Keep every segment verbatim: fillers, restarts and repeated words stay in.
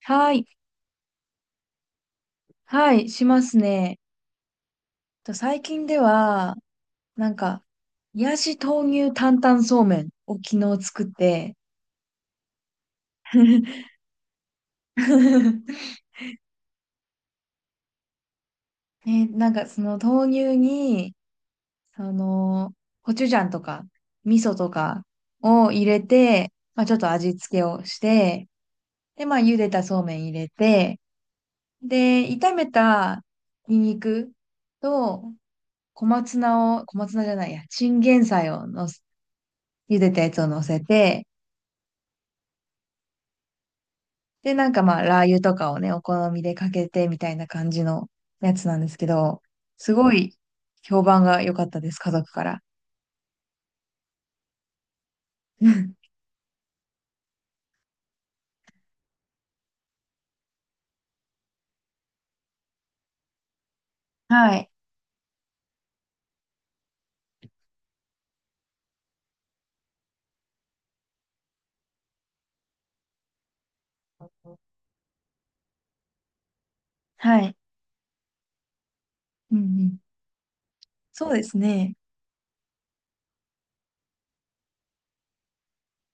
はい。はい、しますね。と最近では、なんか、冷やし豆乳担々そうめんを昨日作って、ね、なんかその豆乳に、その、コチュジャンとか、味噌とかを入れて、まあちょっと味付けをして、で、まあ茹でたそうめん入れて、で、炒めたニンニクと小松菜を、小松菜じゃないや、チンゲン菜をのす、茹でたやつを乗せて、で、なんかまあ、ラー油とかをね、お好みでかけてみたいな感じのやつなんですけど、すごい評判が良かったです、家族から。はいはい。うんうん。そうですね。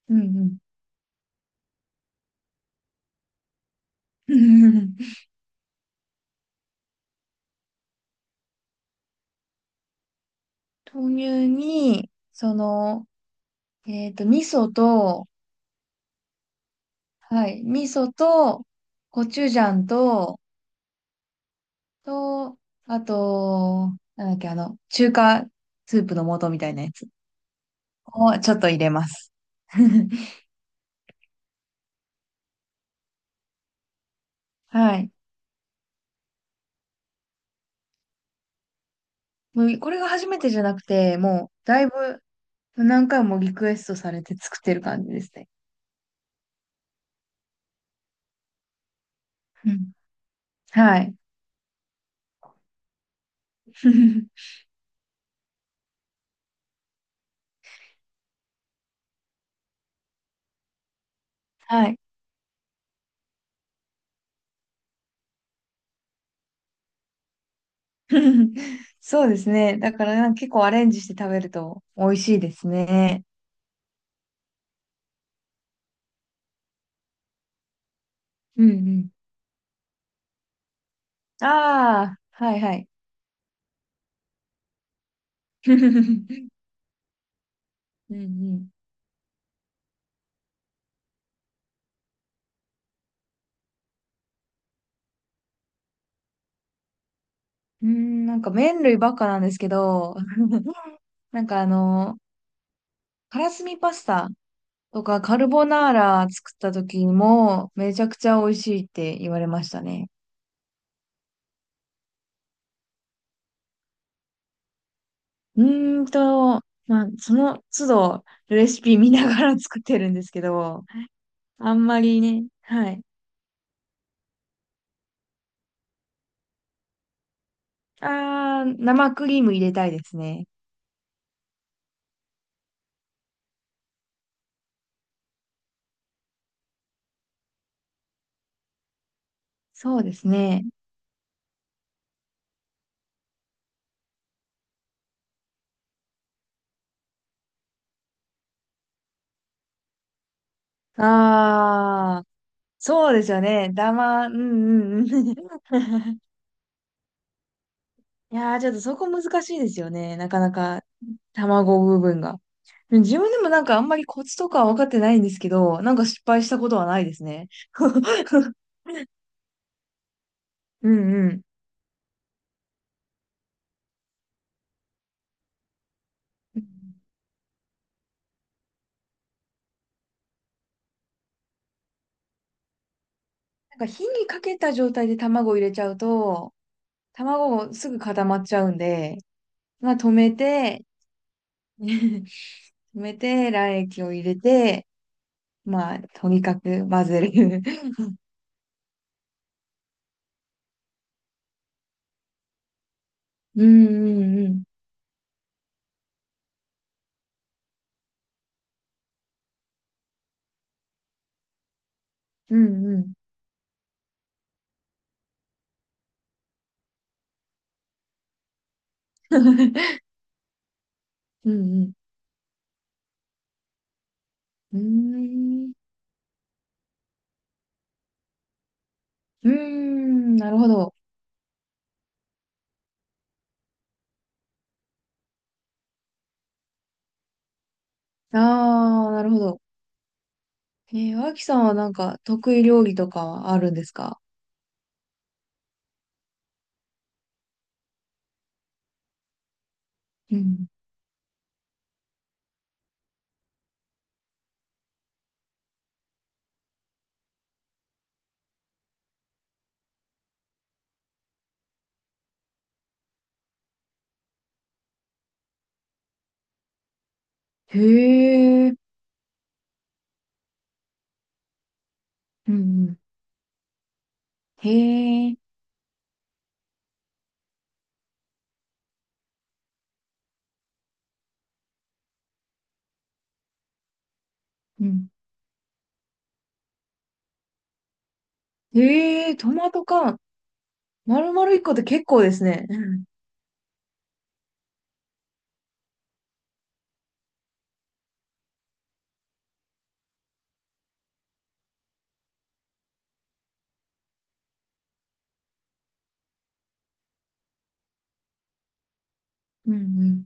うんうん。豆乳に、その、えっと、味噌と、はい、味噌と、コチュジャンと、と、あと、なんだっけ、あの、中華スープの素みたいなやつをちょっと入れます。はい。もうこれが初めてじゃなくて、もうだいぶ何回もリクエストされて作ってる感じですね。うん。はい。はい。そうですね。だからなんか結構アレンジして食べると美味しいですね。うんうん。ああ、はいはい。うんうん。うん、なんか麺類ばっかなんですけど、なんかあの、からすみパスタとかカルボナーラ作った時もめちゃくちゃ美味しいって言われましたね。うーんと、まあ、その都度レシピ見ながら作ってるんですけど、あんまりね、はい。あー、生クリーム入れたいですね。そうですね。あー、そうですよね。だま、うんうんうん。いやー、ちょっとそこ難しいですよね。なかなか、卵部分が。自分でもなんかあんまりコツとかは分かってないんですけど、なんか失敗したことはないですね。うんうん。なんか火にかけた状態で卵を入れちゃうと、卵もすぐ固まっちゃうんで、まあ止めて、止めて、卵液を入れて、まあ、とにかく混ぜる。うんうんうん。うんうん。うんうん。うーん。うーん、なるほど。ああ、なるほど。えー、脇さんはなんか得意料理とかはあるんですか。うん。へえ。うんうん。へえ。うん。へえ、トマト缶。丸々いっこって結構ですね。うんうん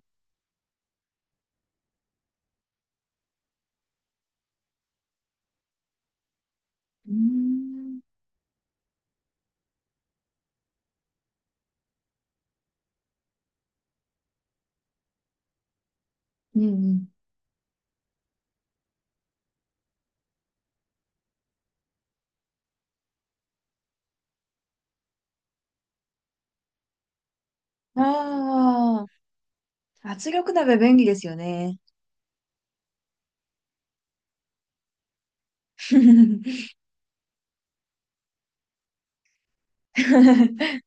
うん。うーん。うんうん。ああ、圧力鍋便利ですよね。うん。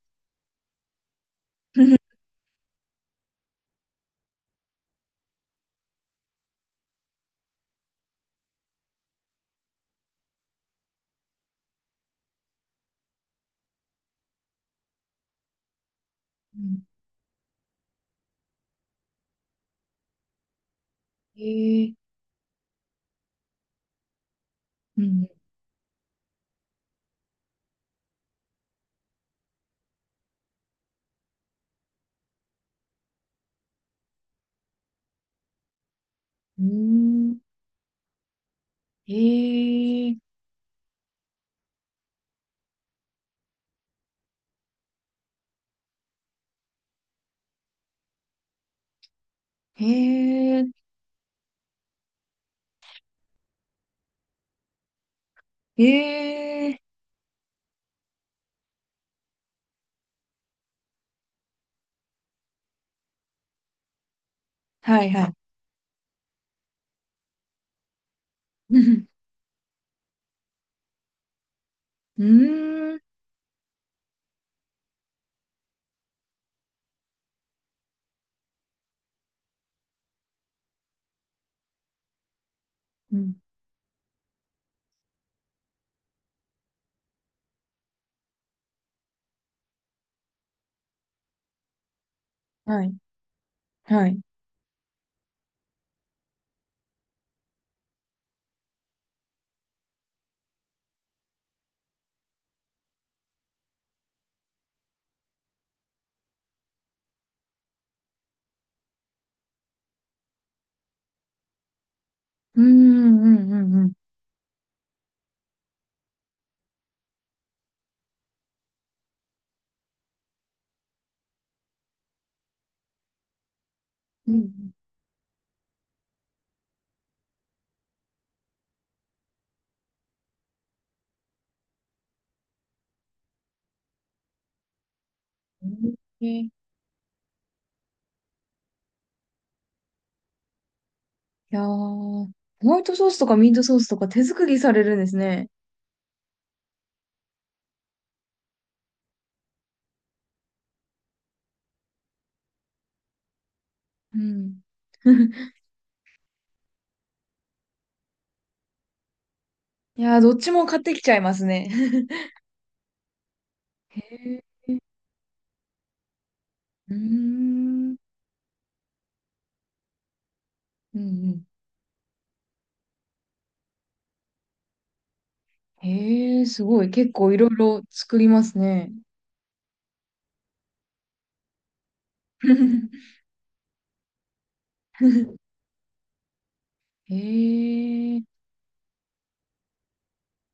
へえ。うんうん。ーん。へえ。へえ。へえ。はいはい。うーん。うん。はい。はい。うーんうんうんうん。うん。うんへえ。いやー、ホワイトソースとかミートソースとか手作りされるんですね。うん。いやー、どっちも買ってきちゃいますね。へーうーん、うんうん。へえ、すごい。結構いろいろ作りますね。へえ。